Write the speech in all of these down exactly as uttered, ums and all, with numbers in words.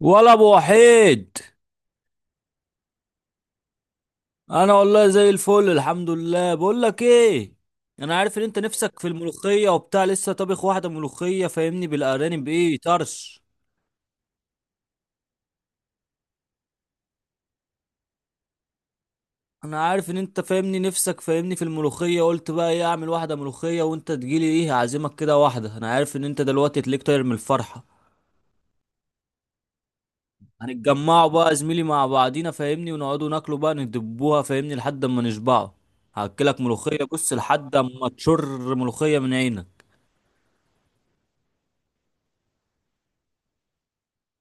ولا ابو وحيد. انا والله زي الفل الحمد لله، بقول لك ايه، انا عارف ان انت نفسك في الملوخيه وبتاع، لسه طابخ واحده ملوخيه فاهمني بالارانب، ايه طرش. انا عارف ان انت فاهمني نفسك فاهمني في الملوخيه، قلت بقى ايه اعمل واحده ملوخيه وانت تجيلي، ايه هعزمك كده واحده، انا عارف ان انت دلوقتي تليك طاير من الفرحه. هنتجمعوا بقى يا زميلي مع بعضينا فاهمني، ونقعدوا ناكلوا بقى ندبوها فاهمني لحد اما نشبعوا. هاكلك ملوخيه بص لحد اما تشر ملوخيه من عينك.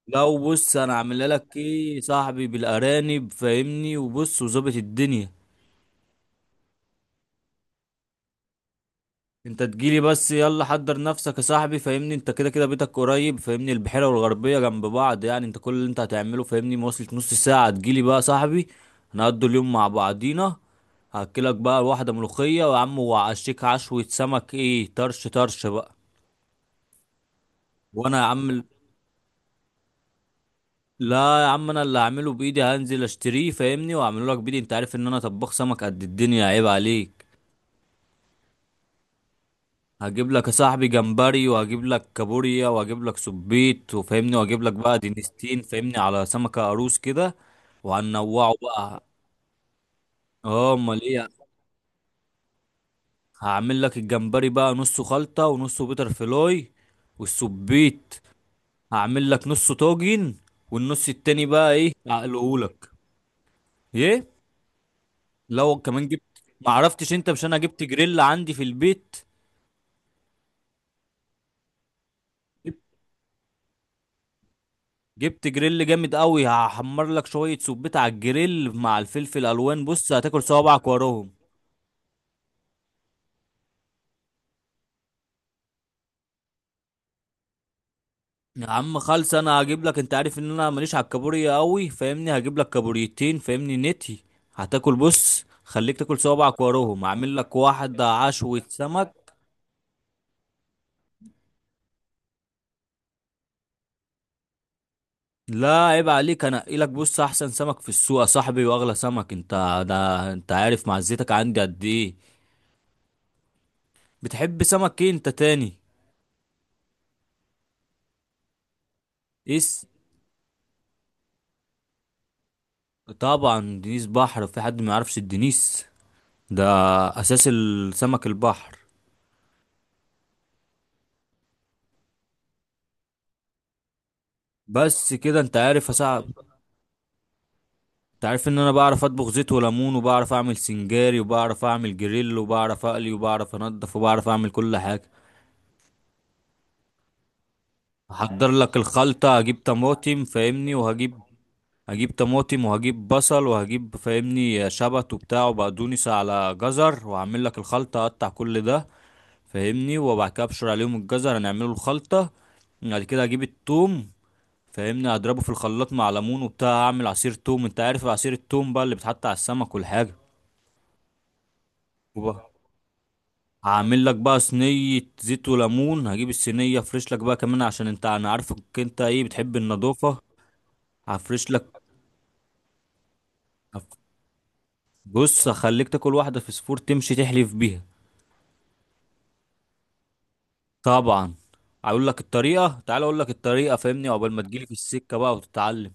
لو بص انا عامل لك ايه يا صاحبي بالارانب فاهمني وبص وظابط الدنيا. انت تجيلي بس، يلا حضر نفسك يا صاحبي فاهمني، انت كده كده بيتك قريب فاهمني، البحيره والغربيه جنب بعض، يعني انت كل اللي انت هتعمله فاهمني مواصله نص ساعه تجيلي بقى يا صاحبي. هنقضي اليوم مع بعضينا. هاكلك بقى واحده ملوخيه، ويا عم وعشيك عشوه سمك، ايه طرش طرش بقى. وانا يا عم، لا يا عم انا اللي هعمله بايدي، هنزل اشتريه فاهمني واعمله لك بايدي، انت عارف ان انا طباخ سمك قد الدنيا، عيب عليك. هجيب لك يا صاحبي جمبري، وهجيب لك كابوريا، وهجيب لك سبيط وفاهمني، وهجيب لك بقى دينستين فاهمني على سمكة قاروص كده. وهنوعه بقى. اه امال ايه. هعمل لك الجمبري بقى نصه خلطة ونصه بيتر فلاي، والسبيط هعمل لك نصه طاجن، والنص التاني بقى ايه اقلهولك. ايه. لو كمان جبت، معرفتش انت مش انا جبت جريل عندي في البيت. جبت جريل جامد قوي، هحمر لك شويه سبيت على الجريل مع الفلفل الوان، بص هتاكل صوابعك وراهم. يا عم خالص انا هجيب لك، انت عارف ان انا ماليش على الكابوريا قوي فاهمني، هجيب لك كابوريتين فاهمني نتي. هتاكل، بص خليك تاكل صوابعك وراهم، هعمل لك واحد عشوة سمك. لا عيب عليك، انا لك بص احسن سمك في السوق يا صاحبي، واغلى سمك، انت ده انت عارف معزتك عندي قد ايه. بتحب سمك ايه انت تاني؟ ايه؟ طبعا دنيس بحر، في حد ما يعرفش الدنيس؟ ده اساس السمك البحر. بس كده انت عارف صعب. انت عارف ان انا بعرف اطبخ زيت وليمون، وبعرف اعمل سنجاري، وبعرف اعمل جريل، وبعرف اقلي، وبعرف انضف، وبعرف اعمل كل حاجه. هحضر لك الخلطه، هجيب طماطم فاهمني وهجيب، هجيب طماطم وهجيب بصل وهجيب فاهمني شبت وبتاع وبقدونس على جزر، وهعمل لك الخلطه اقطع كل ده فاهمني، وبعد كده ابشر عليهم الجزر هنعمله الخلطه. بعد كده اجيب التوم فاهمني، هضربه في الخلاط مع ليمون وبتاع، هعمل عصير توم، انت عارف عصير التوم بقى اللي بيتحط على السمك والحاجه. وبقى هعمل لك بقى صينيه زيت وليمون، هجيب الصينيه افرش لك بقى كمان عشان انت انا عارفك انت ايه بتحب النظافه. هفرش لك. هف- بص هخليك تاكل واحده فسفور تمشي تحلف بيها. طبعا. هقول لك الطريقه، تعال اقول لك الطريقه فاهمني، عقبال ما تجيلي في السكه بقى وتتعلم.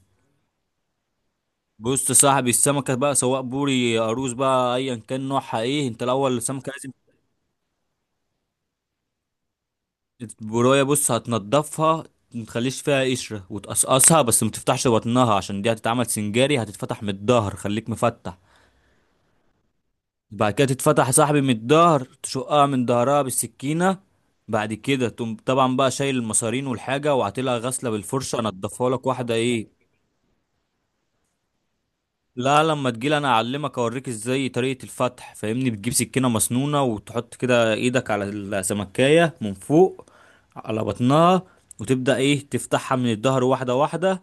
بص يا صاحبي، السمكه بقى سواء بوري قاروص بقى ايا كان نوعها، ايه انت الاول السمكه لازم. البرويه بص هتنضفها، متخليش فيها قشرة، وتقصقصها بس ما تفتحش بطنها عشان دي هتتعمل سنجاري، هتتفتح من الظهر، خليك مفتح. بعد كده تتفتح يا صاحبي من الظهر، تشقها من ظهرها بالسكينة. بعد كده تقوم طبعا بقى شايل المصارين والحاجة، وعاطلها غسلة بالفرشة انضفها لك واحدة ايه. لا لما تجيلي انا اعلمك اوريك ازاي طريقة الفتح فاهمني، بتجيب سكينة مسنونة وتحط كده ايدك على السمكية من فوق على بطنها، وتبدأ ايه تفتحها من الظهر واحدة واحدة.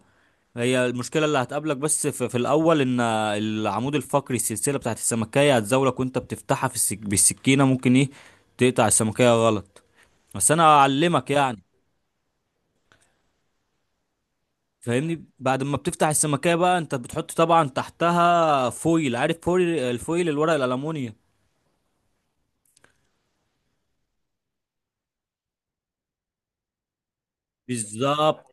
هي المشكلة اللي هتقابلك بس في, في الاول ان العمود الفقري السلسلة بتاعت السمكية هتزاولك وانت بتفتحها في السك... بالسكينة، ممكن ايه تقطع السمكية غلط. بس انا اعلمك يعني. فاهمني بعد ما بتفتح السمكية بقى انت بتحط طبعا تحتها فويل، عارف فويل، الفويل الورق الألموني. بالظبط.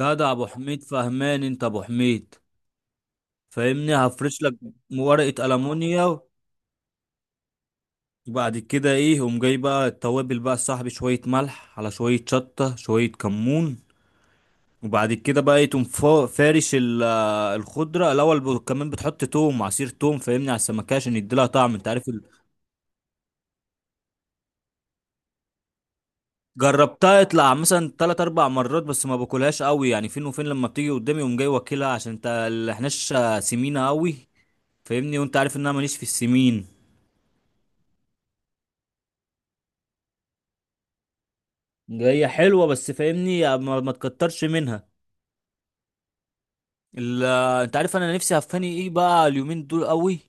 جدع ابو حميد، فهمان انت ابو حميد. فاهمني هفرش لك ورقه المونيا، وبعد كده ايه قوم جاي بقى التوابل بقى صاحبي، شويه ملح على شويه شطه شويه كمون. وبعد كده بقى ايه تقوم فا- فارش ال- آه، الخضره الاول، ب- كمان بتحط توم، عصير توم فاهمني على السمكه عشان يديلها طعم، انت عارف ال- جربتها يطلع مثلا تلات اربع مرات، بس ما باكلهاش قوي يعني، فين وفين لما بتيجي قدامي قوم جاي واكلها، عشان انت اللي احناش سمينه قوي فاهمني، وانت عارف ان انا ماليش في السمين. هي حلوه بس فاهمني ما, ما تكترش منها. ال- انت عارف انا نفسي هفاني ايه بقى اليومين دول قوي.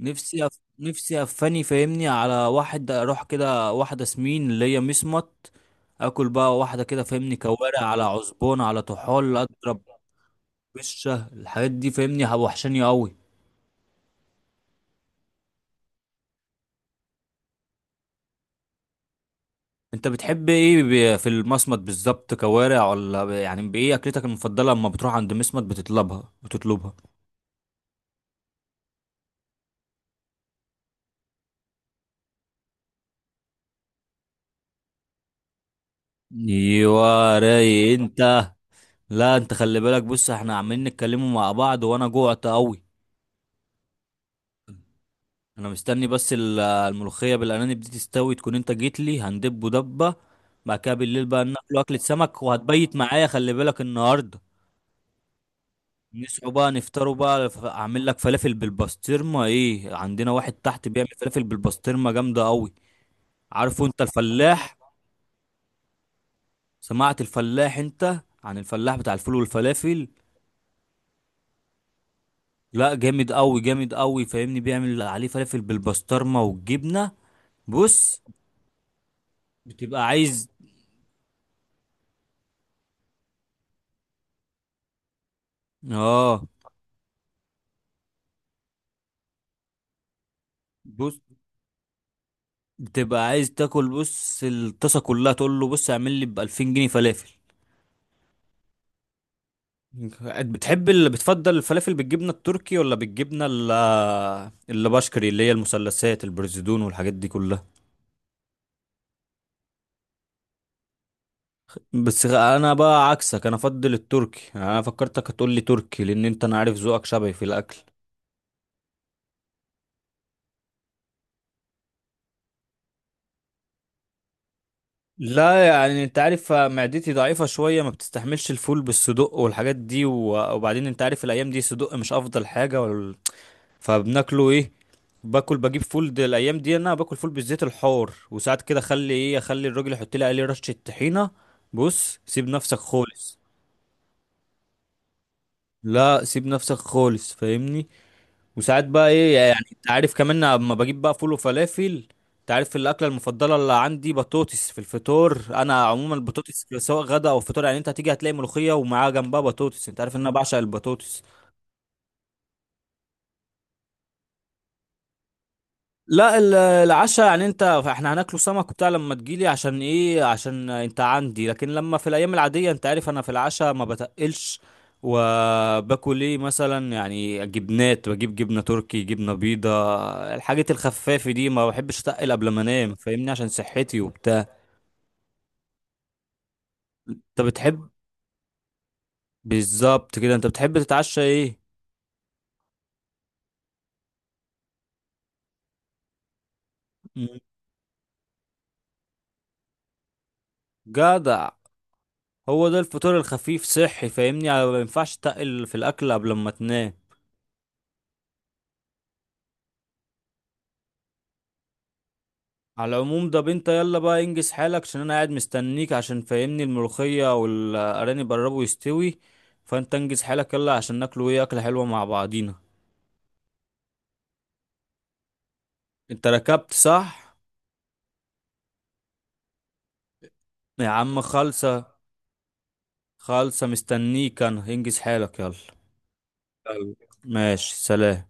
نفسي هف... نفسي هفاني فاهمني على واحد اروح كده واحده سمين اللي هي مسمط، اكل بقى واحده كده فاهمني كوارع على عزبون على طحال اضرب. بشه الحاجات دي فاهمني هب- وحشاني قوي. انت بتحب ايه ب- في المصمت بالظبط، كوارع ولا ب- يعني بايه اكلتك المفضله اما بتروح عند مسمط بتطلبها؟ بتطلبها ايوه راي انت. لا انت خلي بالك، بص احنا عمالين نتكلموا مع بعض وانا جوعت قوي. انا مستني بس ال- الملوخيه بالارانب دي تستوي تكون انت جيت لي، هندب دبه. بعد كده بالليل بقى ناكل اكله سمك، وهتبيت معايا خلي بالك النهارده. نصحوا بقى نفطروا بقى، ف- اعمل لك فلافل بالبسطرمه، ايه عندنا واحد تحت بيعمل فلافل بالبسطرمه جامده قوي. عارفه انت الفلاح؟ سمعت الفلاح انت عن الفلاح بتاع الفول والفلافل؟ لا جامد قوي، جامد قوي فاهمني بيعمل عليه فلافل بالبسطرمه والجبنه. بص. بتبقى عايز. اه. بص بتبقى عايز تاكل بص الطاسه كلها، تقول له بص اعمل لي ب ألفين جنيه فلافل. بتحب اللي بتفضل الفلافل بالجبنه التركي ولا بالجبنه اللي, اللي بشكري اللي هي المثلثات البرزدون والحاجات دي كلها؟ بس انا بقى عكسك، انا افضل التركي، انا فكرتك هتقول لي تركي لان انت انا عارف ذوقك شبهي في الاكل. لا يعني انت عارف معدتي ضعيفة شوية ما بتستحملش الفول بالصدق والحاجات دي، و- وبعدين انت عارف الايام دي صدق مش افضل حاجة، وال... فبناكله ايه، باكل بجيب فول دي الايام دي، انا باكل فول بالزيت الحار، وساعات كده اخلي ايه اخلي الراجل يحط لي عليه رشة طحينة. بص سيب نفسك خالص. لا سيب نفسك خالص فاهمني. وساعات بقى ايه يعني انت عارف كمان اما بجيب بقى فول وفلافل. انت عارف الاكله المفضله اللي عندي بطاطس في الفطار، انا عموما البطاطس سواء غدا او فطار، يعني انت هتيجي هتلاقي ملوخيه ومعاها جنبها بطاطس، انت عارف ان انا بعشق البطاطس. لا ال- العشاء يعني، انت احنا هناكله سمك وبتاع لما تجيلي عشان ايه عشان انت عندي، لكن لما في الايام العادية انت عارف انا في العشاء ما بتقلش، وباكل ايه مثلا يعني جبنات، بجيب جبنة تركي جبنة بيضة، الحاجات الخفافة دي ما بحبش اتقل قبل ما انام فاهمني عشان صحتي وبتاع. انت بتحب بالظبط كده، انت بتحب تتعشى ايه؟ مم. جدع، هو ده الفطور الخفيف صحي فاهمني، يعني ما ينفعش تقل في الاكل قبل ما تنام. على العموم ده انت يلا بقى انجز حالك عشان انا قاعد مستنيك عشان فاهمني الملوخية والارانب قربوا يستوي، فانت انجز حالك يلا عشان ناكلوا ايه اكلة حلوة مع بعضينا. انت ركبت صح؟ يا عم خالصة. خالصة مستنيك انا، انجز حالك يلا. يلا. ماشي سلام.